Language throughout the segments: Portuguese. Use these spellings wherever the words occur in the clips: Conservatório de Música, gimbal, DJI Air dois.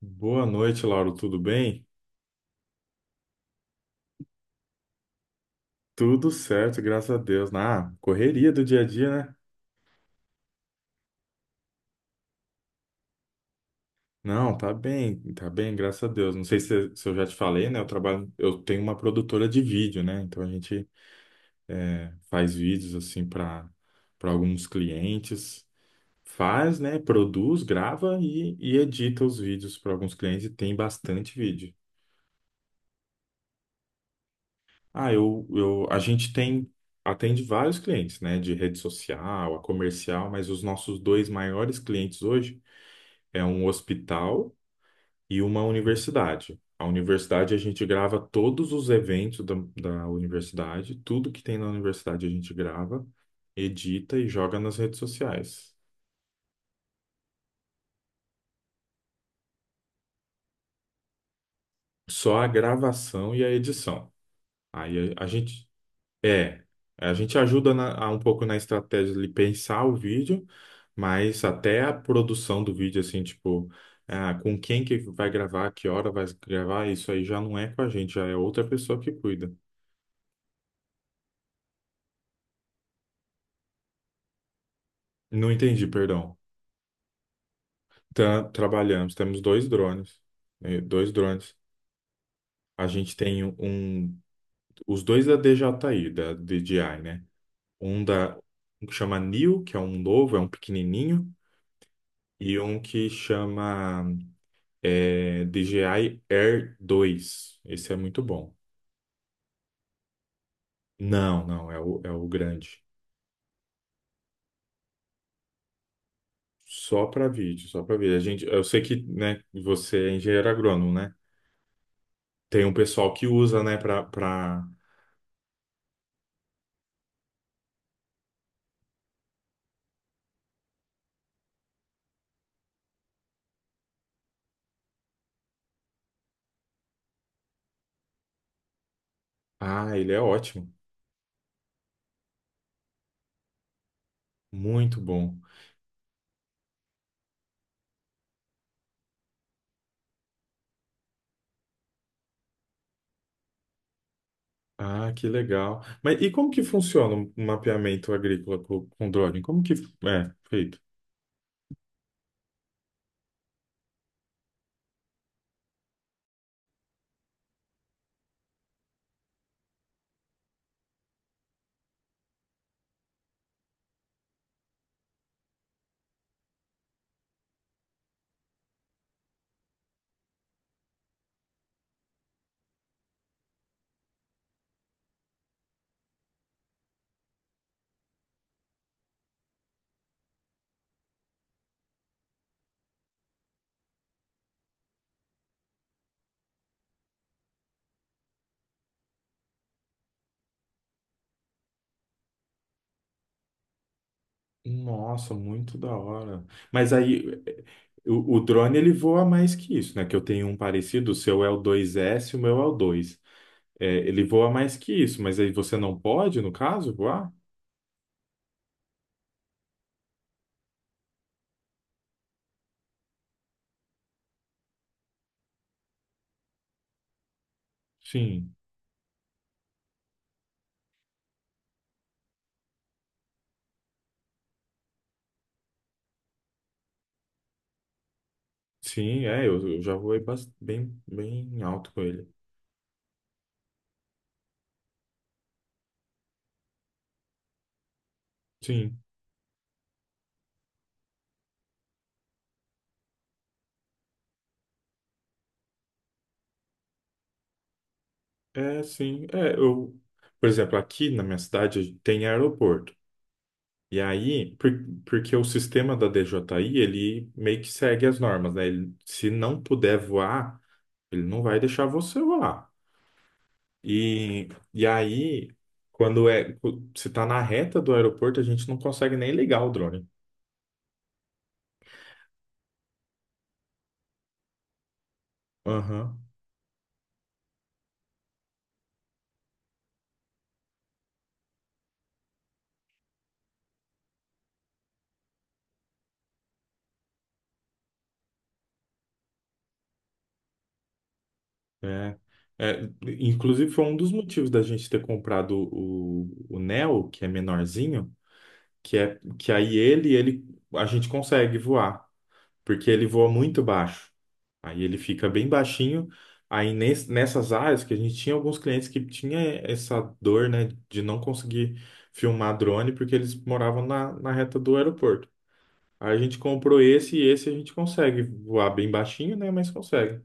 Boa noite, Lauro. Tudo bem? Tudo certo, graças a Deus. Ah, correria do dia a dia, né? Não, tá bem, graças a Deus. Não sei se eu já te falei, né? Eu trabalho, eu tenho uma produtora de vídeo, né? Então a gente faz vídeos assim para alguns clientes, faz, né? Produz, grava e edita os vídeos para alguns clientes e tem bastante vídeo. Ah, eu a gente tem atende vários clientes, né? De rede social, a comercial, mas os nossos dois maiores clientes hoje é um hospital e uma universidade. A universidade a gente grava todos os eventos da universidade, tudo que tem na universidade a gente grava, edita e joga nas redes sociais. Só a gravação e a edição. Aí a, a gente é, a gente ajuda a um pouco na estratégia de pensar o vídeo, mas até a produção do vídeo assim, tipo, ah, com quem que vai gravar, que hora vai gravar, isso aí já não é com a gente, já é outra pessoa que cuida. Não entendi, perdão. Trabalhamos, temos dois drones, né, dois drones. A gente tem um, os dois da DJI, da DJI, né? Um da, um que chama Neo, que é um novo, é um pequenininho, e um que chama DJI Air dois. Esse é muito bom. Não, não, é o, é o grande. Só para vídeo, só para vídeo. A gente, eu sei que, né, você é engenheiro agrônomo, né? Tem um pessoal que usa, né, para, para... Ah, ele é ótimo. Muito bom. Ah, que legal. Mas e como que funciona um mapeamento agrícola com drone? Como que é feito? Nossa, muito da hora. Mas aí o drone ele voa mais que isso, né? Que eu tenho um parecido, o seu é o 2S, o meu é o 2. É, ele voa mais que isso, mas aí você não pode, no caso, voar? Sim, sim, é, eu já voei bem, bem alto com ele. Sim, sim, é, eu, por exemplo, aqui na minha cidade tem aeroporto. E aí, porque o sistema da DJI, ele meio que segue as normas, né? Ele, se não puder voar, ele não vai deixar você voar. E, e aí, quando se tá na reta do aeroporto, a gente não consegue nem ligar o drone. Aham, é. É, inclusive foi um dos motivos da gente ter comprado o Neo, que é menorzinho, que é que aí ele a gente consegue voar, porque ele voa muito baixo. Aí ele fica bem baixinho. Aí nessas áreas que a gente tinha alguns clientes que tinha essa dor, né, de não conseguir filmar drone porque eles moravam na reta do aeroporto. Aí a gente comprou esse e esse a gente consegue voar bem baixinho, né, mas consegue.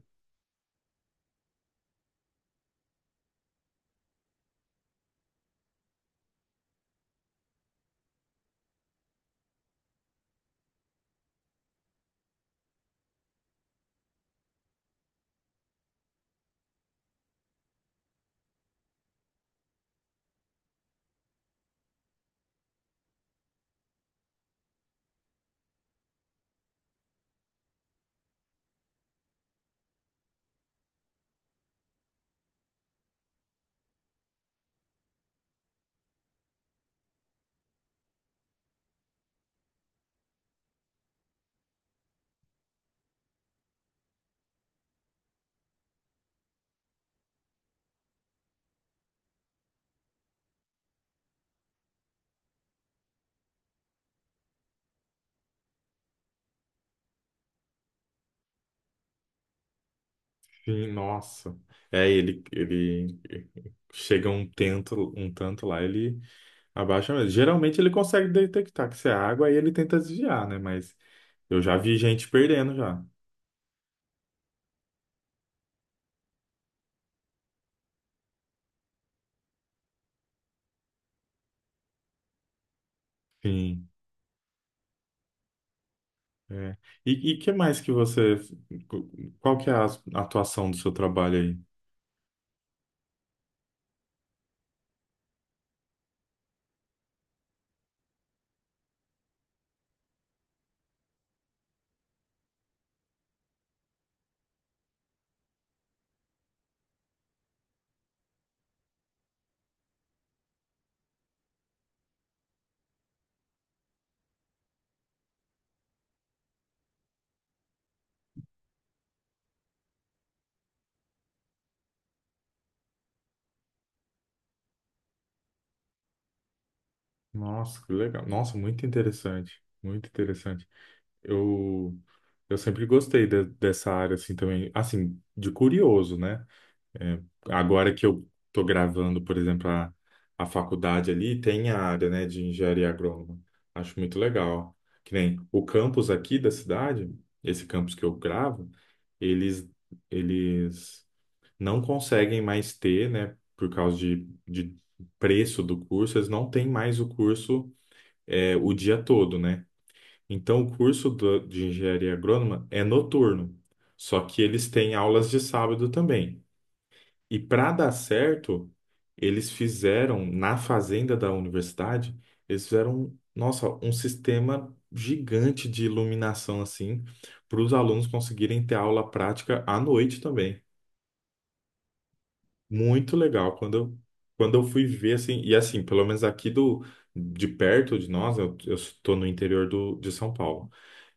Sim, nossa. É, ele chega um tanto lá, ele abaixa mesmo. Geralmente ele consegue detectar que isso é água, aí ele tenta desviar, né, mas eu já vi gente perdendo já. Sim. É. E que mais que você. Qual que é a atuação do seu trabalho aí? Nossa, que legal. Nossa, muito interessante. Muito interessante. Eu, eu sempre gostei dessa área assim também, assim, de curioso, né? É, agora que eu tô gravando, por exemplo, a faculdade ali, tem a área, né, de engenharia agrônoma. Acho muito legal. Que nem o campus aqui da cidade, esse campus que eu gravo, eles, eles não conseguem mais ter, né, por causa de preço do curso, eles não têm mais o curso o dia todo, né? Então, o curso de engenharia agrônoma é noturno, só que eles têm aulas de sábado também. E para dar certo, eles fizeram, na fazenda da universidade, eles fizeram, nossa, um sistema gigante de iluminação, assim, para os alunos conseguirem ter aula prática à noite também. Muito legal. Quando eu fui ver, assim, e assim, pelo menos aqui do, de perto de nós, eu estou no interior do, de São Paulo.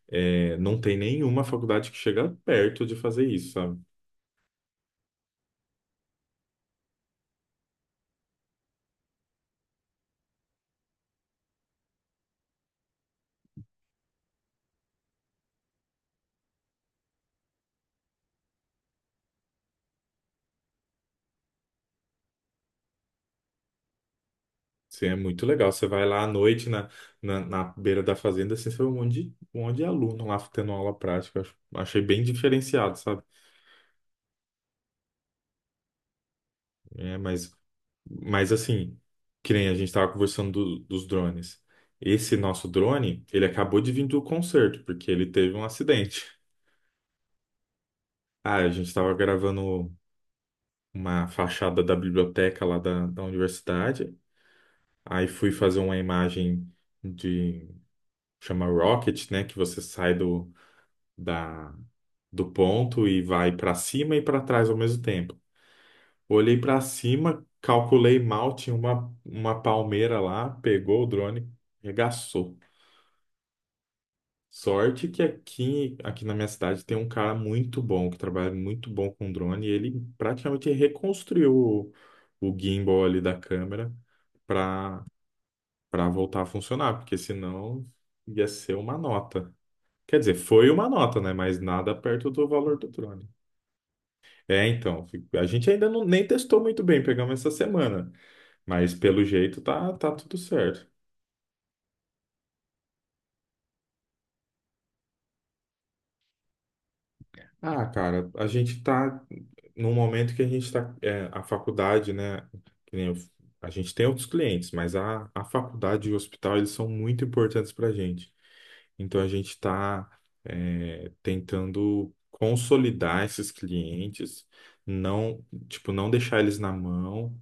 É, não tem nenhuma faculdade que chega perto de fazer isso, sabe? Assim, é muito legal. Você vai lá à noite na beira da fazenda, assim, você vê um monte de aluno lá tendo aula prática. Eu achei bem diferenciado, sabe? É, mas assim, que nem a gente estava conversando dos drones. Esse nosso drone, ele acabou de vir do concerto, porque ele teve um acidente. Ah, a gente estava gravando uma fachada da biblioteca lá da universidade. Aí fui fazer uma imagem de chama rocket, né, que você sai da do ponto e vai para cima e para trás ao mesmo tempo. Olhei para cima, calculei mal, tinha uma palmeira lá, pegou o drone, regaçou. Sorte que aqui, aqui na minha cidade tem um cara muito bom, que trabalha muito bom com drone, e ele praticamente reconstruiu o gimbal ali da câmera para para voltar a funcionar, porque senão ia ser uma nota. Quer dizer, foi uma nota, né? Mas nada perto do valor do drone. É, então, a gente ainda não, nem testou muito bem, pegamos essa semana, mas pelo jeito tá, tá tudo certo. Ah, cara, a gente tá num momento que a gente tá, é, a faculdade, né, que nem eu- a gente tem outros clientes, mas a faculdade e o hospital, eles são muito importantes pra gente. Então, a gente está tentando consolidar esses clientes, não, tipo, não deixar eles na mão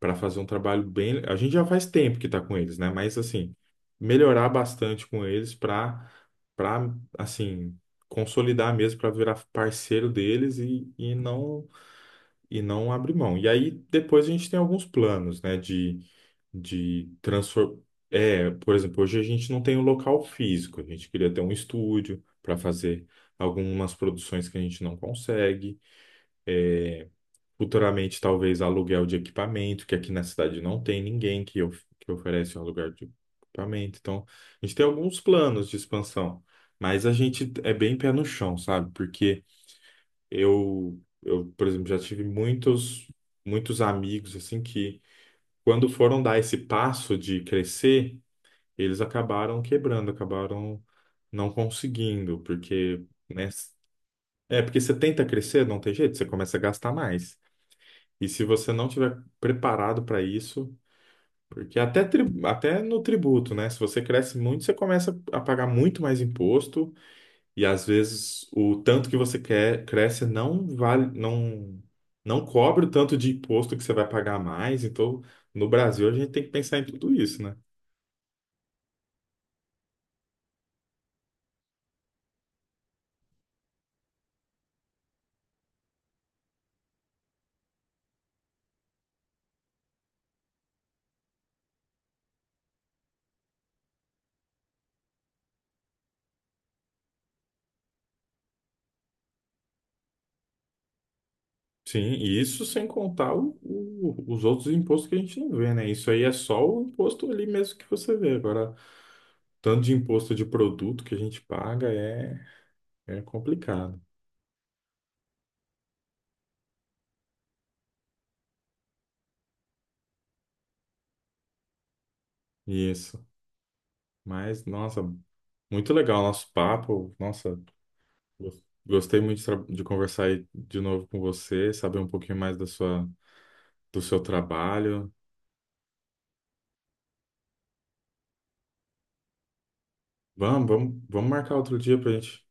para fazer um trabalho bem. A gente já faz tempo que está com eles, né? Mas assim, melhorar bastante com eles para assim consolidar mesmo para virar parceiro deles e não abrir mão. E aí depois a gente tem alguns planos, né? De transformar. É, por exemplo, hoje a gente não tem um local físico. A gente queria ter um estúdio para fazer algumas produções que a gente não consegue. Futuramente, talvez aluguel de equipamento, que aqui na cidade não tem ninguém que oferece um aluguel de equipamento. Então, a gente tem alguns planos de expansão, mas a gente é bem pé no chão, sabe? Porque eu, por exemplo, já tive muitos, muitos amigos assim que, quando foram dar esse passo de crescer, eles acabaram quebrando, acabaram não conseguindo, porque, né? É porque você tenta crescer, não tem jeito, você começa a gastar mais. E se você não tiver preparado para isso, porque até, até no tributo, né? Se você cresce muito, você começa a pagar muito mais imposto, e às vezes o tanto que você quer cresce não vale, não cobre o tanto de imposto que você vai pagar a mais. Então, no Brasil, a gente tem que pensar em tudo isso, né? Sim, e isso sem contar os outros impostos que a gente não vê, né? Isso aí é só o imposto ali mesmo que você vê. Agora, tanto de imposto de produto que a gente paga é complicado. Isso. Mas, nossa, muito legal o nosso papo. Nossa, gostei muito de, de conversar aí de novo com você, saber um pouquinho mais da sua, do seu trabalho. Vamos marcar outro dia pra gente.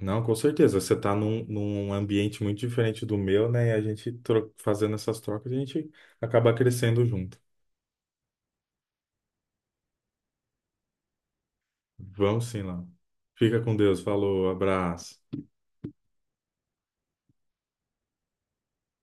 Não, com certeza. Você tá num, num ambiente muito diferente do meu, né? E a gente fazendo essas trocas, a gente acaba crescendo junto. Vamos sim, lá. Fica com Deus. Falou, abraço.